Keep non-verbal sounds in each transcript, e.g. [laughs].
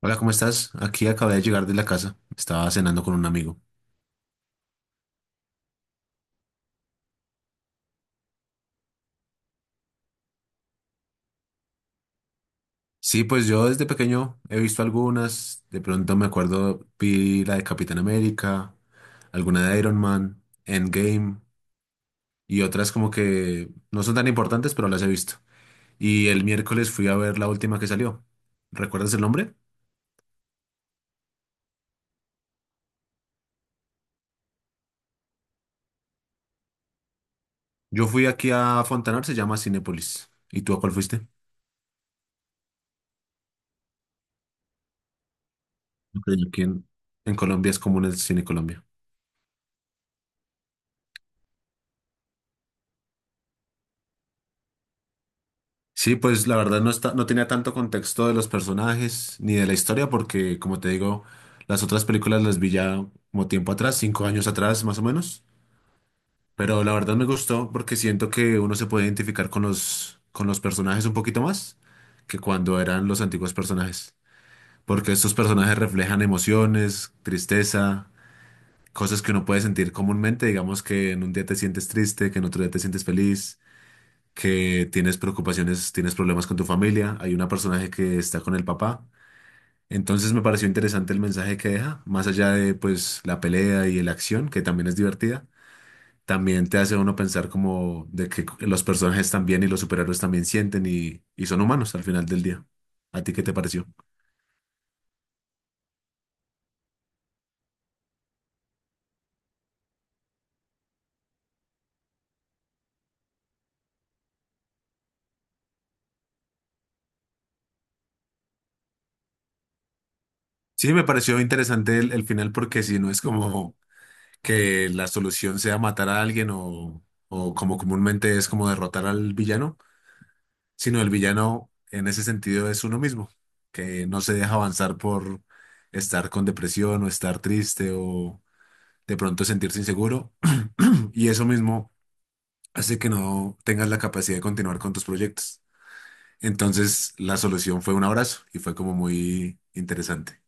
Hola, ¿cómo estás? Aquí acabé de llegar de la casa. Estaba cenando con un amigo. Sí, pues yo desde pequeño he visto algunas. De pronto me acuerdo, vi la de Capitán América, alguna de Iron Man, Endgame y otras como que no son tan importantes, pero las he visto. Y el miércoles fui a ver la última que salió. ¿Recuerdas el nombre? Yo fui aquí a Fontanar, se llama Cinépolis. ¿Y tú a cuál fuiste? Ok, aquí en Colombia es común el Cine Colombia. Sí, pues la verdad no está, no tenía tanto contexto de los personajes ni de la historia, porque como te digo, las otras películas las vi ya como tiempo atrás, cinco años atrás más o menos. Pero la verdad me gustó porque siento que uno se puede identificar con con los personajes un poquito más que cuando eran los antiguos personajes. Porque estos personajes reflejan emociones, tristeza, cosas que uno puede sentir comúnmente. Digamos que en un día te sientes triste, que en otro día te sientes feliz, que tienes preocupaciones, tienes problemas con tu familia, hay una personaje que está con el papá. Entonces me pareció interesante el mensaje que deja, más allá de pues la pelea y la acción, que también es divertida, también te hace uno pensar como de que los personajes también y los superhéroes también sienten y son humanos al final del día. ¿A ti qué te pareció? Sí, me pareció interesante el final porque si no es como que la solución sea matar a alguien o como comúnmente es como derrotar al villano, sino el villano en ese sentido es uno mismo, que no se deja avanzar por estar con depresión o estar triste o de pronto sentirse inseguro [clears throat] y eso mismo hace que no tengas la capacidad de continuar con tus proyectos. Entonces la solución fue un abrazo y fue como muy interesante.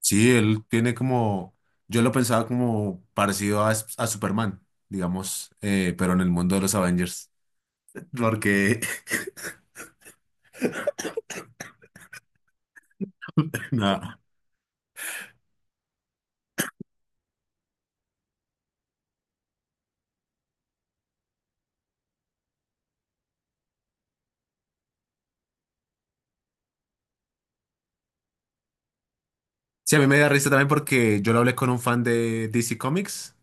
Sí, él tiene como, yo lo pensaba como parecido a Superman, digamos, pero en el mundo de los Avengers. Porque, [laughs] nada. Sí, a mí me da risa también porque yo lo hablé con un fan de DC Comics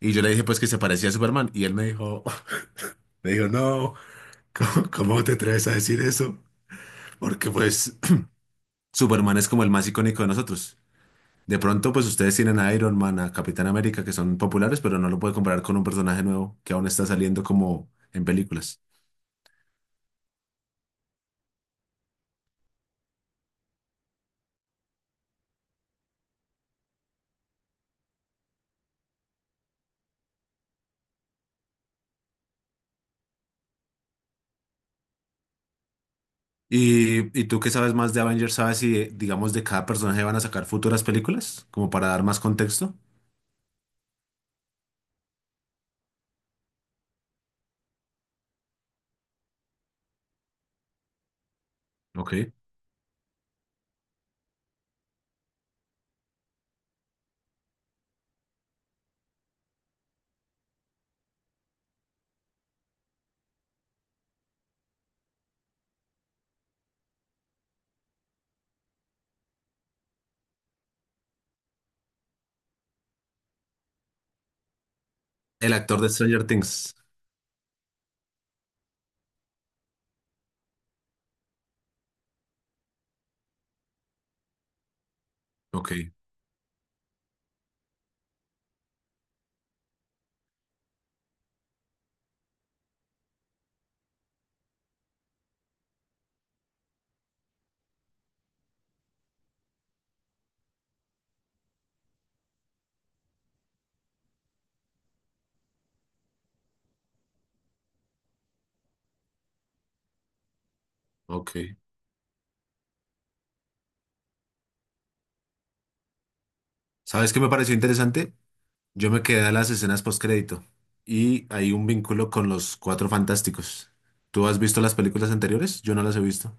y yo le dije pues que se parecía a Superman y él me dijo, [laughs] me dijo, no, ¿cómo, cómo te atreves a decir eso? Porque pues [laughs] Superman es como el más icónico de nosotros. De pronto pues ustedes tienen a Iron Man, a Capitán América que son populares, pero no lo puede comparar con un personaje nuevo que aún está saliendo como en películas. Y tú que sabes más de Avengers, ¿sabes si, digamos, de cada personaje van a sacar futuras películas? Como para dar más contexto. Ok. El actor de Stranger Things. Ok, ok. ¿Sabes qué me pareció interesante? Yo me quedé a las escenas postcrédito. Y hay un vínculo con los Cuatro Fantásticos. ¿Tú has visto las películas anteriores? Yo no las he visto.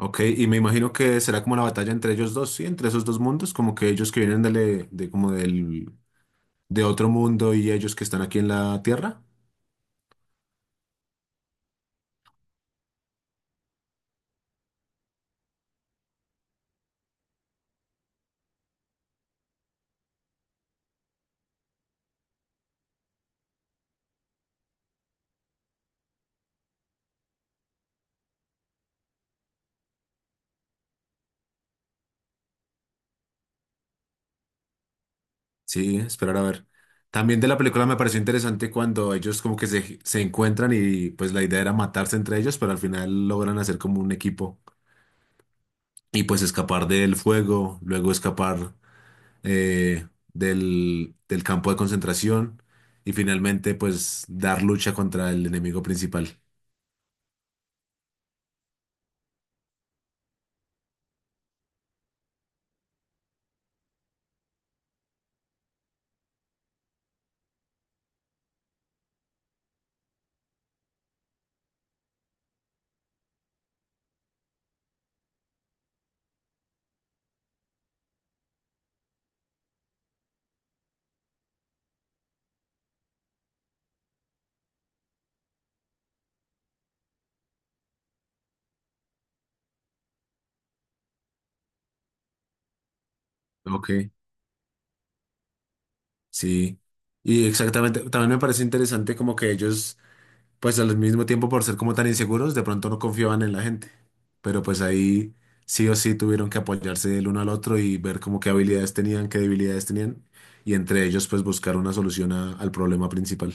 Ok, y me imagino que será como la batalla entre ellos dos, ¿sí? Entre esos dos mundos, como que ellos que vienen de como del, de otro mundo y ellos que están aquí en la Tierra. Sí, esperar a ver. También de la película me pareció interesante cuando ellos como que se encuentran y pues la idea era matarse entre ellos, pero al final logran hacer como un equipo y pues escapar del fuego, luego escapar eh, del campo de concentración y finalmente pues dar lucha contra el enemigo principal. Ok. Sí. Y exactamente, también me parece interesante como que ellos, pues al mismo tiempo, por ser como tan inseguros, de pronto no confiaban en la gente. Pero pues ahí sí o sí tuvieron que apoyarse el uno al otro y ver como qué habilidades tenían, qué debilidades tenían. Y entre ellos, pues buscar una solución a- al problema principal.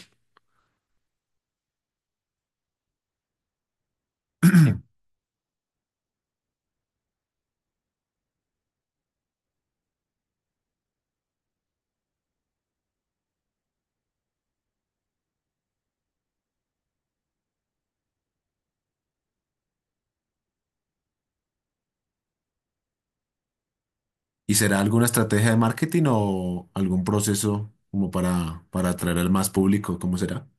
¿Y será alguna estrategia de marketing o algún proceso como para atraer al más público? ¿Cómo será?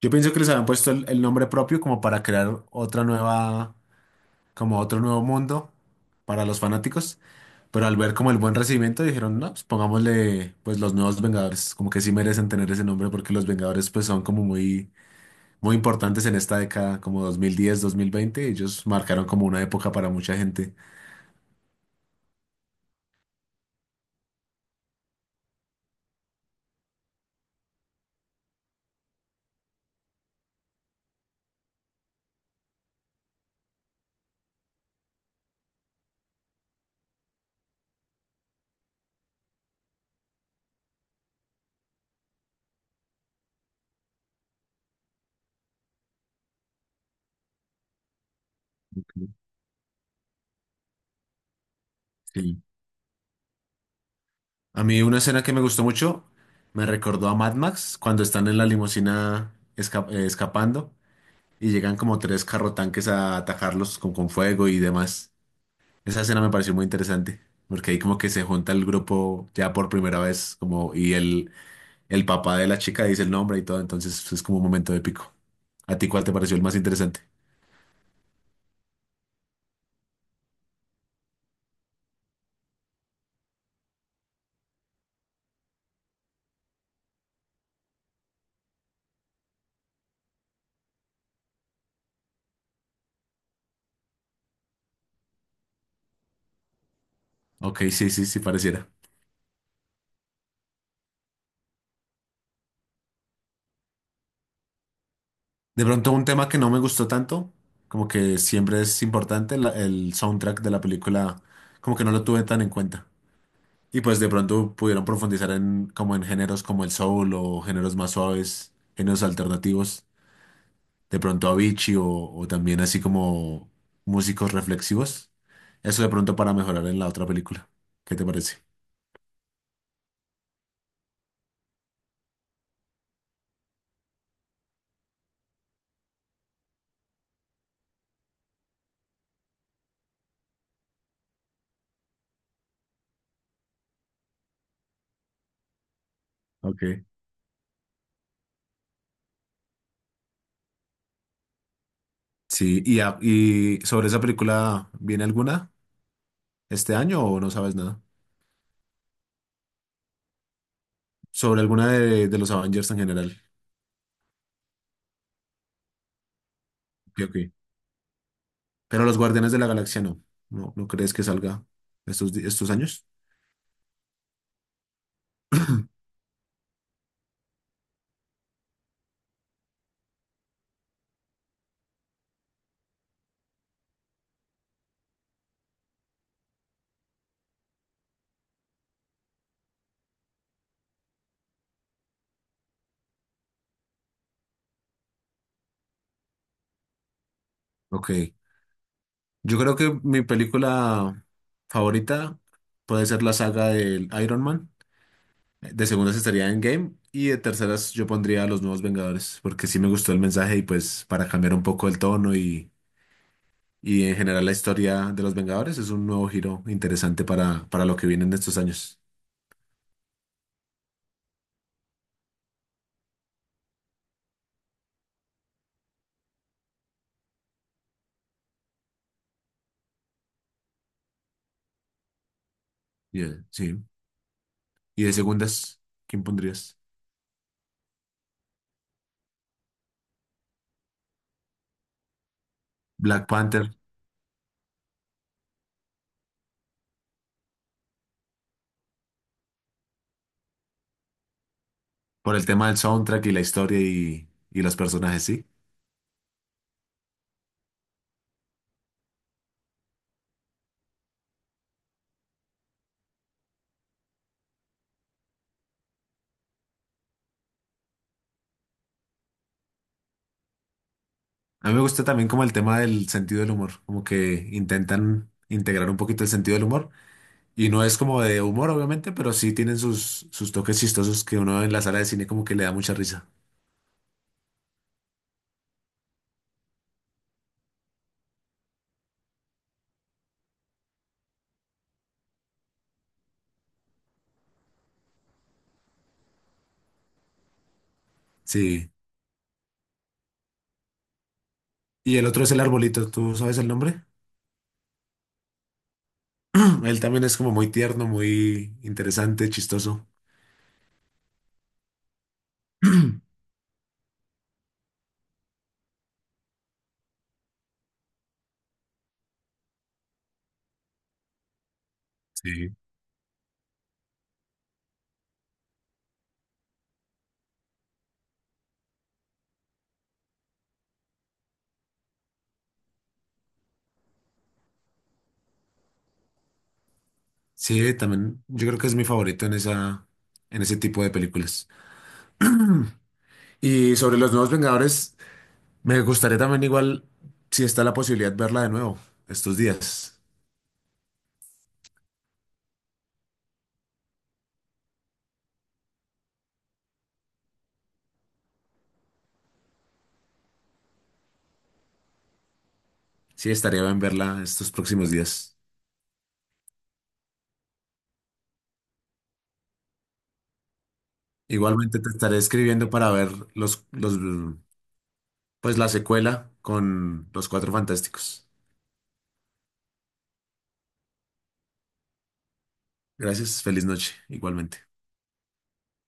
Yo pienso que les habían puesto el nombre propio como para crear otra nueva, como otro nuevo mundo para los fanáticos. Pero al ver como el buen recibimiento dijeron, no, pues pongámosle pues los nuevos Vengadores, como que sí merecen tener ese nombre porque los Vengadores pues son como muy, muy importantes en esta década, como 2010, 2020, ellos marcaron como una época para mucha gente. Sí. A mí una escena que me gustó mucho me recordó a Mad Max cuando están en la limusina escapando y llegan como tres carrotanques a atacarlos con fuego y demás. Esa escena me pareció muy interesante porque ahí como que se junta el grupo ya por primera vez, como, y el papá de la chica dice el nombre y todo, entonces pues, es como un momento épico. ¿A ti cuál te pareció el más interesante? Ok, sí, sí, sí, pareciera. De pronto un tema que no me gustó tanto, como que siempre es importante, la- el soundtrack de la película, como que no lo tuve tan en cuenta. Y pues de pronto pudieron profundizar en, como en géneros como el soul o géneros más suaves, géneros alternativos. De pronto Avicii o también así como músicos reflexivos. Eso de pronto para mejorar en la otra película. ¿Qué te parece? Ok. Sí, y, a- y sobre esa película, ¿viene alguna este año o no sabes nada? Sobre alguna de los Avengers en general. Ok, ok. Pero los Guardianes de la Galaxia no. ¿No, no crees que salga estos, di- estos años? [clears throat] Ok. Yo creo que mi película favorita puede ser la saga del Iron Man. De segundas estaría Endgame y de terceras yo pondría a Los Nuevos Vengadores porque sí me gustó el mensaje y pues para cambiar un poco el tono. Y en general la historia de los Vengadores es un nuevo giro interesante para lo que viene en estos años. Y, sí. Y de segundas, ¿quién pondrías? Black Panther, por el tema del soundtrack y la historia y los personajes, sí. A mí me gusta también como el tema del sentido del humor, como que intentan integrar un poquito el sentido del humor. Y no es como de humor, obviamente, pero sí tienen sus, sus toques chistosos que uno en la sala de cine como que le da mucha risa. Sí. Y el otro es el arbolito, ¿tú sabes el nombre? [clears throat] Él también es como muy tierno, muy interesante, chistoso. [clears throat] Sí. Sí, también yo creo que es mi favorito en esa, en ese tipo de películas. [clears throat] Y sobre los nuevos Vengadores, me gustaría también igual, si está la posibilidad, verla de nuevo estos días. Sí, estaría bien verla estos próximos días. Igualmente te estaré escribiendo para ver los, pues la secuela con los Cuatro Fantásticos. Gracias, feliz noche, igualmente.